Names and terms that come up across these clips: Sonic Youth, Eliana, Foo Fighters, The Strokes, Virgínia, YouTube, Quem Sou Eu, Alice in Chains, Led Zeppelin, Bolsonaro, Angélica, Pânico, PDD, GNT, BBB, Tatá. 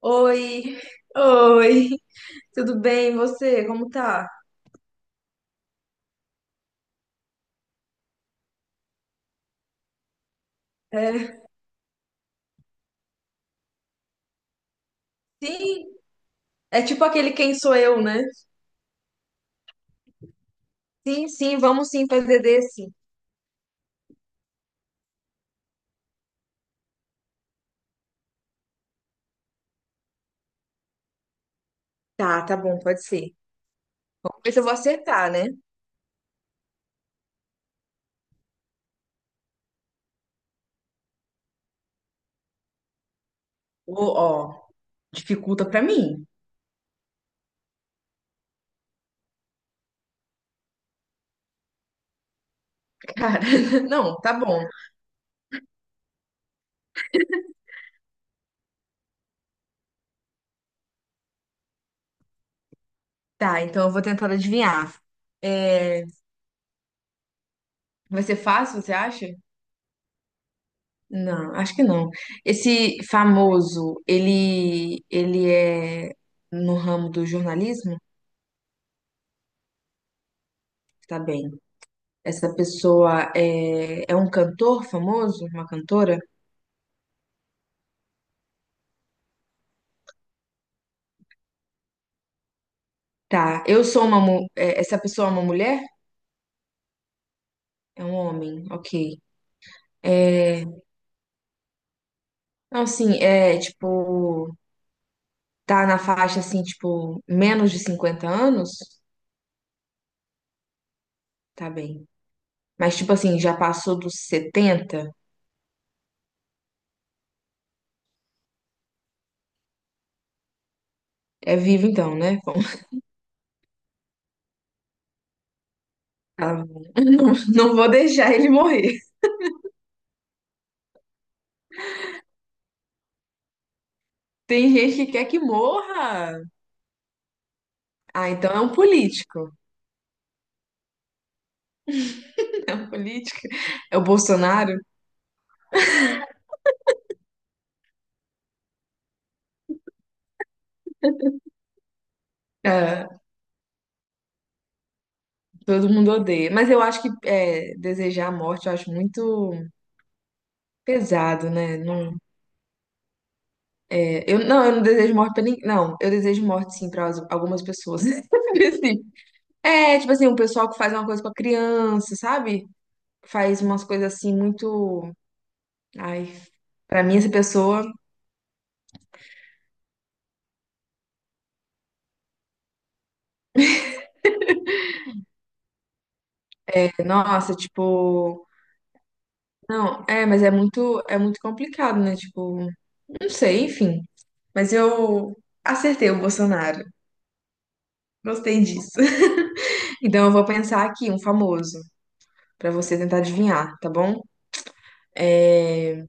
Oi, oi, tudo bem? E você, como tá? É, sim, é tipo aquele Quem Sou Eu, né? Sim, sim, vamos sim, PDD, sim. Tá, tá bom, pode ser. Vamos ver se eu vou acertar, né? Ô, ó, dificulta pra mim, cara. Não, tá bom. Tá, então eu vou tentar adivinhar. É, vai ser fácil, você acha? Não, acho que não. Esse famoso, ele é no ramo do jornalismo? Tá bem. Essa pessoa é um cantor famoso? Uma cantora? Tá. Eu sou uma. Mu- é, Essa pessoa é uma mulher? É um homem, ok. É, não, assim, é tipo. Tá na faixa, assim, tipo, menos de 50 anos? Tá bem. Mas, tipo assim, já passou dos 70. É vivo então, né? Bom, tá bom. Não, não vou deixar ele morrer. Tem gente que quer que morra. Ah, então é um político. É um político. É o Bolsonaro? É. Todo mundo odeia. Mas eu acho que desejar a morte, eu acho muito pesado, né? Não, não, eu não desejo morte pra ninguém. Não, eu desejo morte, sim, pra algumas pessoas. Assim, tipo assim, um pessoal que faz uma coisa com a criança, sabe? Faz umas coisas assim muito. Ai, pra mim, essa pessoa, nossa, tipo. Não, mas é muito complicado, né? Tipo, não sei, enfim. Mas eu acertei o Bolsonaro. Gostei disso. Então eu vou pensar aqui, um famoso. Pra você tentar adivinhar, tá bom? É,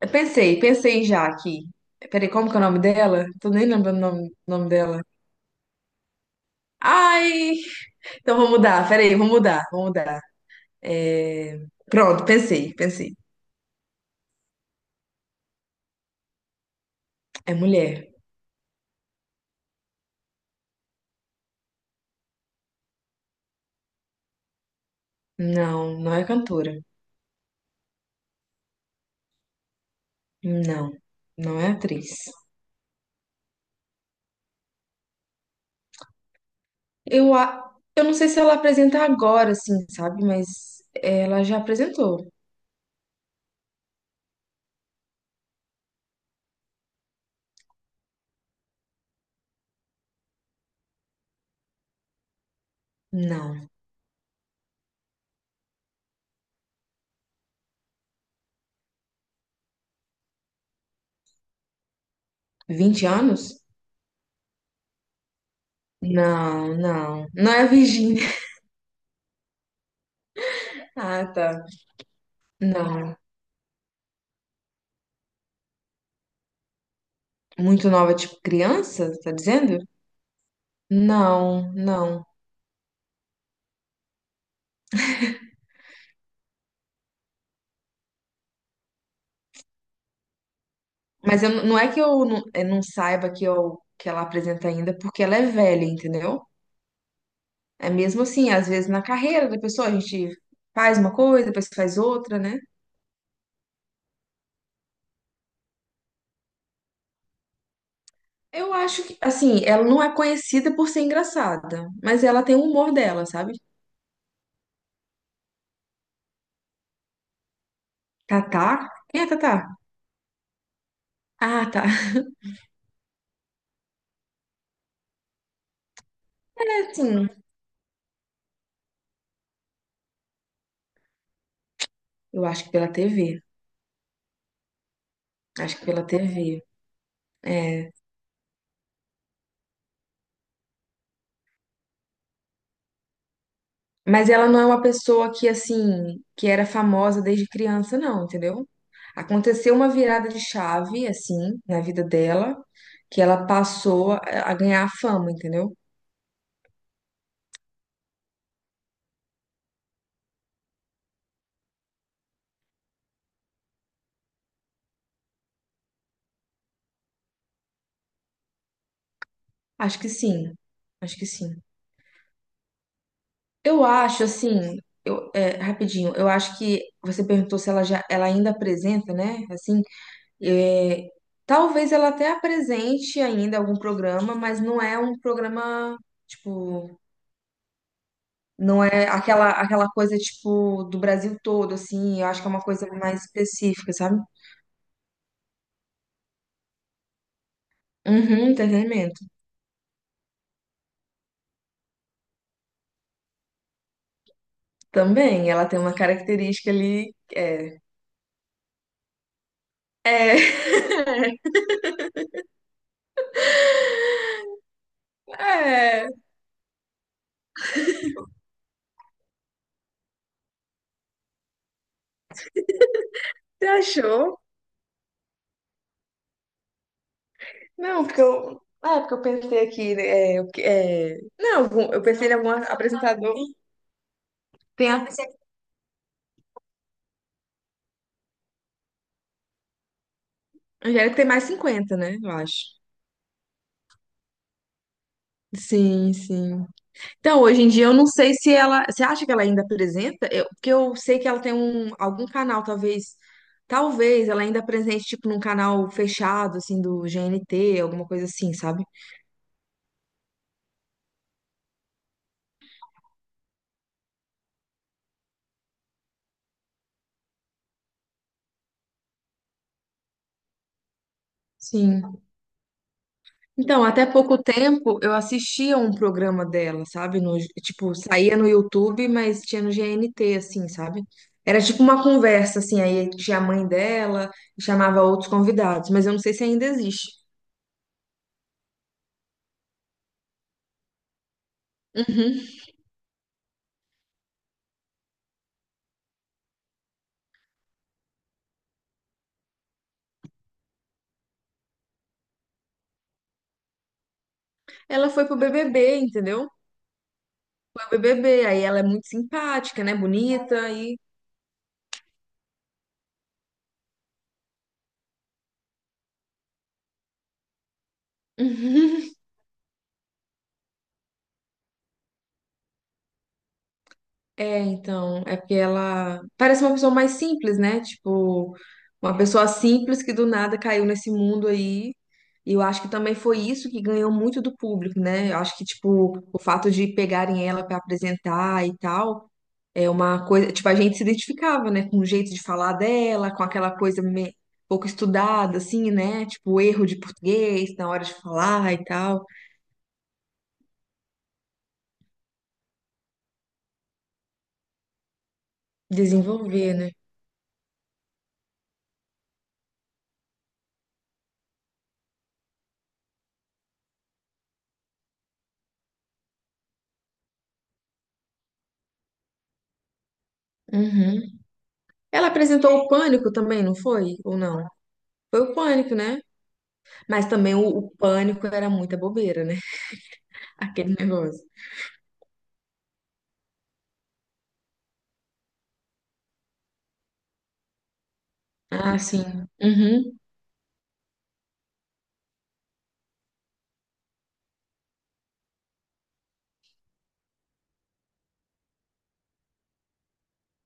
eu pensei já aqui. Peraí, como que é o nome dela? Tô nem lembrando o nome dela. Ai! Então vou mudar, peraí, vou mudar, vou mudar. É, pronto, pensei, pensei. É mulher. Não, não é cantora. Não, não é atriz. Eu não sei se ela apresenta agora, assim, sabe? Mas ela já apresentou. Não. 20 anos? Não, não. Não é a Virgínia. Ah, tá. Não. Muito nova, tipo criança, tá dizendo? Não, não. Mas eu, não é que eu não saiba que, que ela apresenta ainda, porque ela é velha, entendeu? É mesmo assim, às vezes na carreira da pessoa a gente faz uma coisa, depois faz outra, né? Eu acho que, assim, ela não é conhecida por ser engraçada, mas ela tem o humor dela, sabe? Tatá? Quem é Tatá? Ah, tá. É assim, eu acho que pela TV. Acho que pela TV. Mas ela não é uma pessoa que, assim, que era famosa desde criança, não, entendeu? Aconteceu uma virada de chave, assim, na vida dela, que ela passou a ganhar fama, entendeu? Acho que sim, acho que sim. Eu acho, assim, rapidinho, eu acho que você perguntou se ela ainda apresenta, né? Assim, é, talvez ela até apresente ainda algum programa, mas não é um programa, tipo. Não é aquela coisa, tipo, do Brasil todo, assim. Eu acho que é uma coisa mais específica, sabe? Uhum, entretenimento. Também, ela tem uma característica ali. É. É, você achou? Não, porque eu. Ah, é porque eu pensei aqui, né, Não, eu pensei em algum apresentador. Angélica tem mais 50, né? Eu acho. Sim, sim. Então, hoje em dia eu não sei se ela. Você acha que ela ainda apresenta? Porque eu sei que ela tem algum canal, talvez. Talvez ela ainda apresente, tipo, num canal fechado, assim, do GNT, alguma coisa assim, sabe? Sim. Então, até pouco tempo eu assistia um programa dela, sabe? No, tipo, saía no YouTube, mas tinha no GNT, assim, sabe? Era tipo uma conversa, assim, aí tinha a mãe dela, chamava outros convidados, mas eu não sei se ainda existe. Uhum. Ela foi pro BBB, entendeu? BBB, aí ela é muito simpática, né? Bonita e Então, é porque ela parece uma pessoa mais simples, né? Tipo, uma pessoa simples que do nada caiu nesse mundo aí. E eu acho que também foi isso que ganhou muito do público, né? Eu acho que, tipo, o fato de pegarem ela pra apresentar e tal, é uma coisa. Tipo, a gente se identificava, né? Com o jeito de falar dela, com aquela coisa pouco estudada, assim, né? Tipo, o erro de português na hora de falar e tal. Desenvolver, né? Uhum. Ela apresentou o Pânico também, não foi? Ou não? Foi o Pânico, né? Mas também o Pânico era muita bobeira, né? Aquele negócio. Ah, sim. Uhum,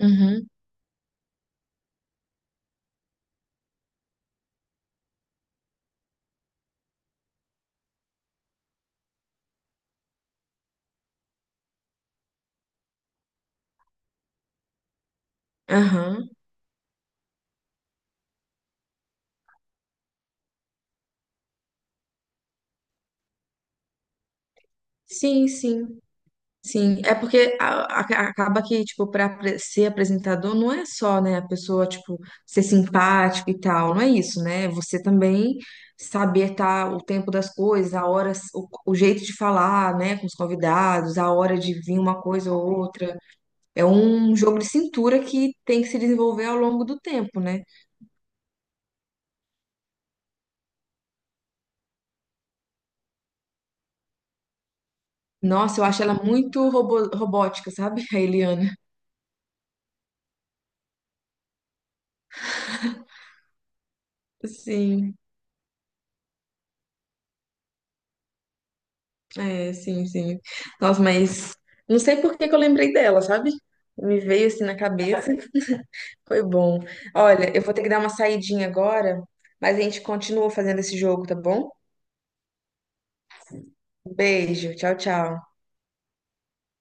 uhum, aham. Sim, sim, sim. É porque acaba que, tipo, pra ser apresentador não é só, né, a pessoa, tipo, ser simpático e tal. Não é isso, né? Você também saber tá, o tempo das coisas, a hora, o jeito de falar, né, com os convidados, a hora de vir uma coisa ou outra. É um jogo de cintura que tem que se desenvolver ao longo do tempo, né? Nossa, eu acho ela muito robótica, sabe? A Eliana. Sim, é, sim, sim. Nossa, mas não sei por que que eu lembrei dela, sabe? Me veio assim na cabeça. Foi bom. Olha, eu vou ter que dar uma saidinha agora, mas a gente continua fazendo esse jogo, tá bom? Beijo, tchau, tchau.